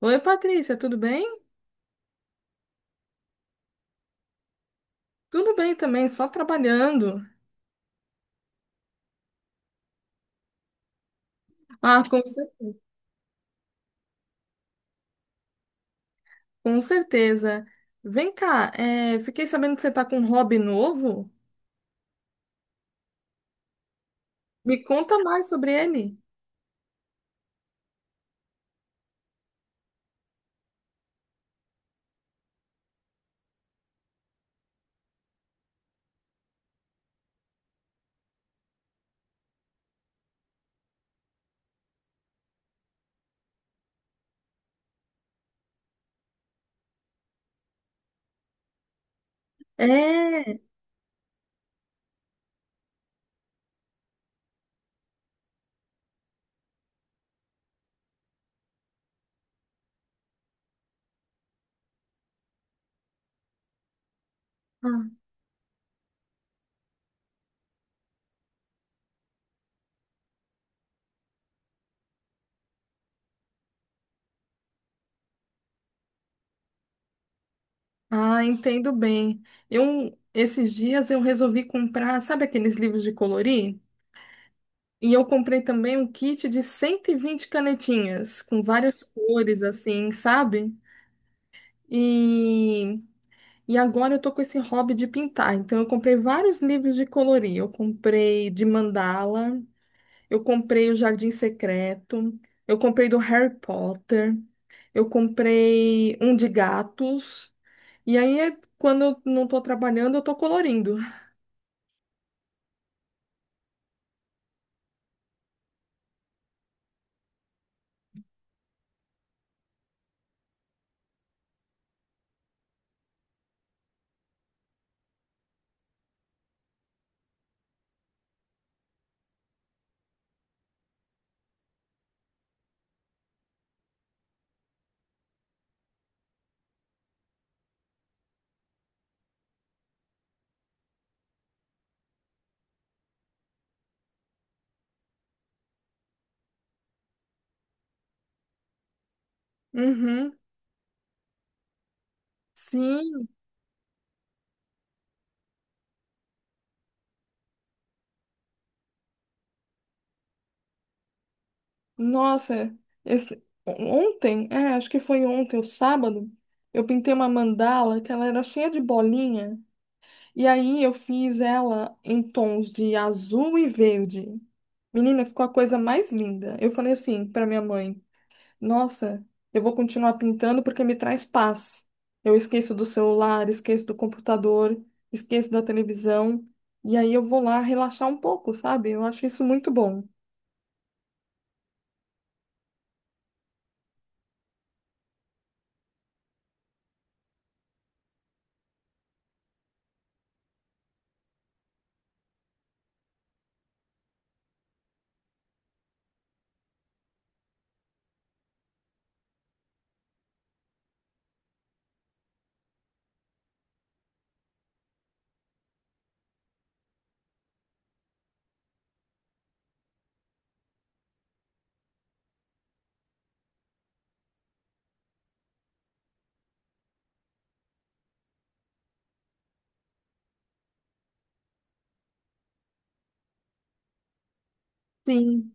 Oi, Patrícia, tudo bem? Tudo bem também, só trabalhando. Ah, com, cer- com certeza. Vem cá, fiquei sabendo que você está com um hobby novo. Me conta mais sobre ele. É. Ah, ah, entendo bem. Eu, esses dias eu resolvi comprar, sabe aqueles livros de colorir? E eu comprei também um kit de 120 canetinhas, com várias cores, assim, sabe? E E agora eu tô com esse hobby de pintar. Então eu comprei vários livros de colorir. Eu comprei de mandala, eu comprei o Jardim Secreto, eu comprei do Harry Potter, eu comprei um de gatos. E aí, quando eu não tô trabalhando, eu tô colorindo. Uhum. Sim. Nossa, ontem, acho que foi ontem, o sábado, eu pintei uma mandala que ela era cheia de bolinha. E aí eu fiz ela em tons de azul e verde. Menina, ficou a coisa mais linda. Eu falei assim para minha mãe: Nossa, eu vou continuar pintando porque me traz paz. Eu esqueço do celular, esqueço do computador, esqueço da televisão. E aí eu vou lá relaxar um pouco, sabe? Eu acho isso muito bom. Sim.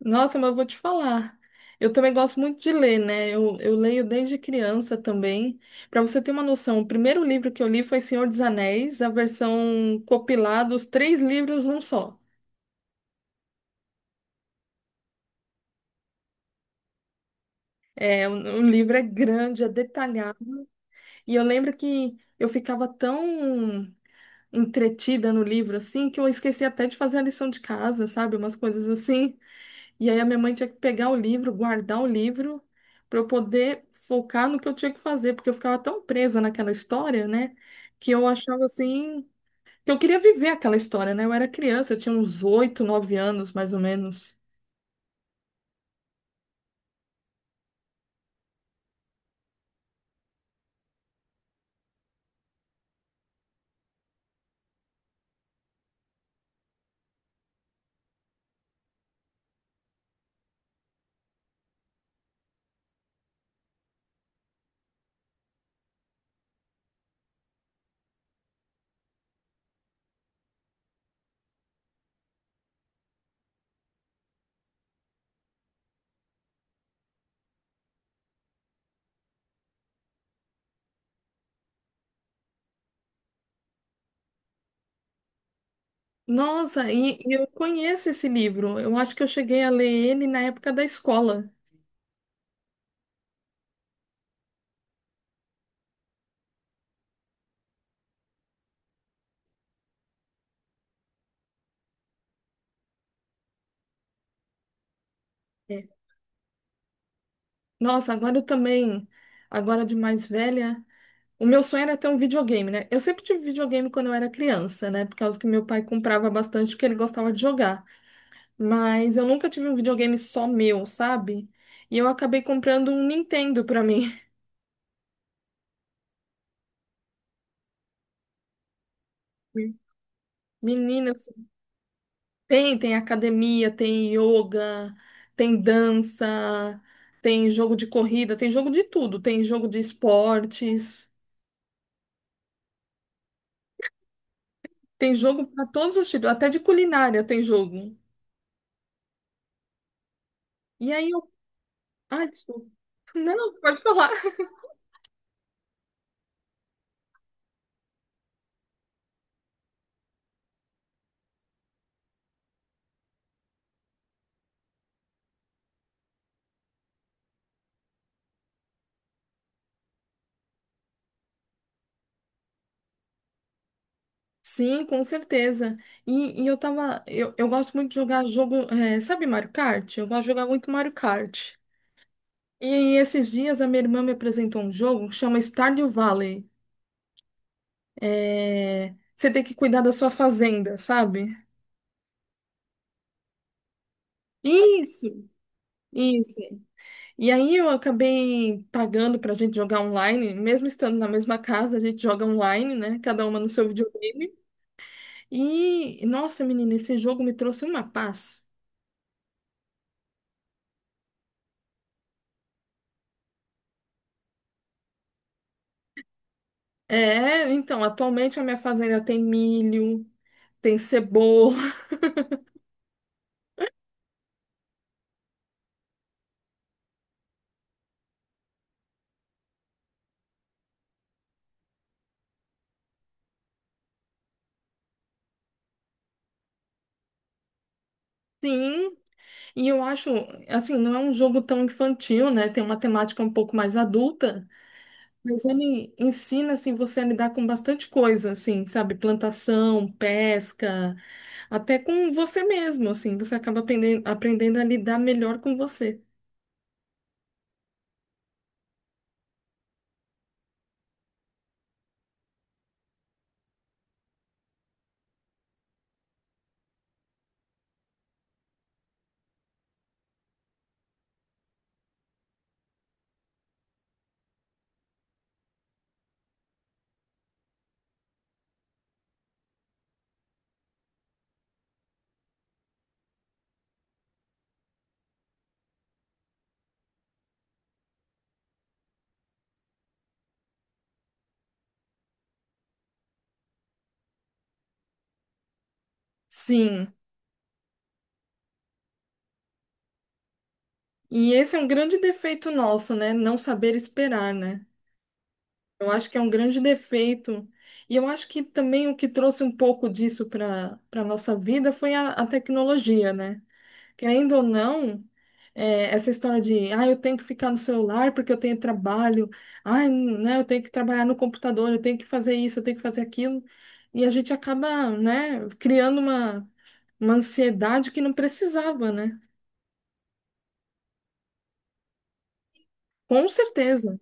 Nossa, mas eu vou te falar. Eu também gosto muito de ler, né? Eu leio desde criança também. Para você ter uma noção, o primeiro livro que eu li foi Senhor dos Anéis, a versão compilada, os três livros num só. É, o livro é grande, é detalhado. E eu lembro que eu ficava tão entretida no livro assim que eu esqueci até de fazer a lição de casa, sabe? Umas coisas assim. E aí a minha mãe tinha que pegar o livro, guardar o livro, para eu poder focar no que eu tinha que fazer, porque eu ficava tão presa naquela história, né? Que eu achava assim, que eu queria viver aquela história, né? Eu era criança, eu tinha uns 8, 9 anos, mais ou menos. Nossa, e eu conheço esse livro. Eu acho que eu cheguei a ler ele na época da escola. É. Nossa, agora eu também, agora de mais velha. O meu sonho era ter um videogame, né? Eu sempre tive videogame quando eu era criança, né? Por causa que meu pai comprava bastante porque ele gostava de jogar. Mas eu nunca tive um videogame só meu, sabe? E eu acabei comprando um Nintendo pra mim. Menina, eu sou- Tem, tem academia, tem yoga, tem dança, tem jogo de corrida, tem jogo de tudo, tem jogo de esportes, tem jogo pra todos os tipos, até de culinária tem jogo. E aí eu. Ah, desculpa. Não, pode falar. Sim, com certeza. E eu tava. Eu gosto muito de jogar jogo. Sabe Mario Kart? Eu gosto de jogar muito Mario Kart. E aí, esses dias, a minha irmã me apresentou um jogo que chama Stardew Valley. É, você tem que cuidar da sua fazenda, sabe? Isso, isso. E aí, eu acabei pagando pra gente jogar online, mesmo estando na mesma casa, a gente joga online, né? Cada uma no seu videogame. E, nossa, menina, esse jogo me trouxe uma paz. É, então, atualmente a minha fazenda tem milho, tem cebola, sim. E eu acho, assim, não é um jogo tão infantil, né? Tem uma temática um pouco mais adulta, mas ele ensina, assim, você a lidar com bastante coisa, assim, sabe? Plantação, pesca, até com você mesmo, assim. Você acaba aprendendo, aprendendo a lidar melhor com você. Sim. E esse é um grande defeito nosso, né? Não saber esperar, né? Eu acho que é um grande defeito. E eu acho que também o que trouxe um pouco disso para para nossa vida foi a tecnologia, né? Querendo ou não, é, essa história de, ah, eu tenho que ficar no celular porque eu tenho trabalho, ah, né, eu tenho que trabalhar no computador, eu tenho que fazer isso, eu tenho que fazer aquilo. E a gente acaba, né, criando uma ansiedade que não precisava, né? Com certeza,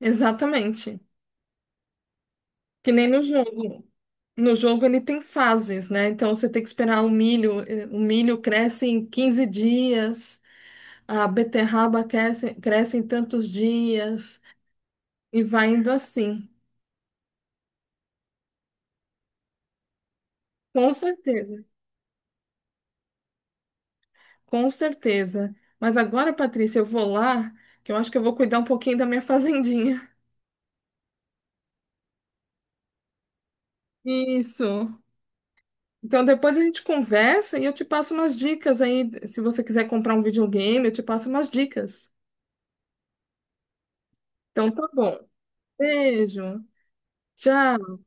exatamente. Que nem no jogo. No jogo ele tem fases, né? Então você tem que esperar o milho. O milho cresce em 15 dias, a beterraba cresce em tantos dias, e vai indo assim. Com certeza, com certeza. Mas agora, Patrícia, eu vou lá, que eu acho que eu vou cuidar um pouquinho da minha fazendinha. Isso. Então depois a gente conversa e eu te passo umas dicas aí. Se você quiser comprar um videogame, eu te passo umas dicas. Então tá bom. Beijo. Tchau.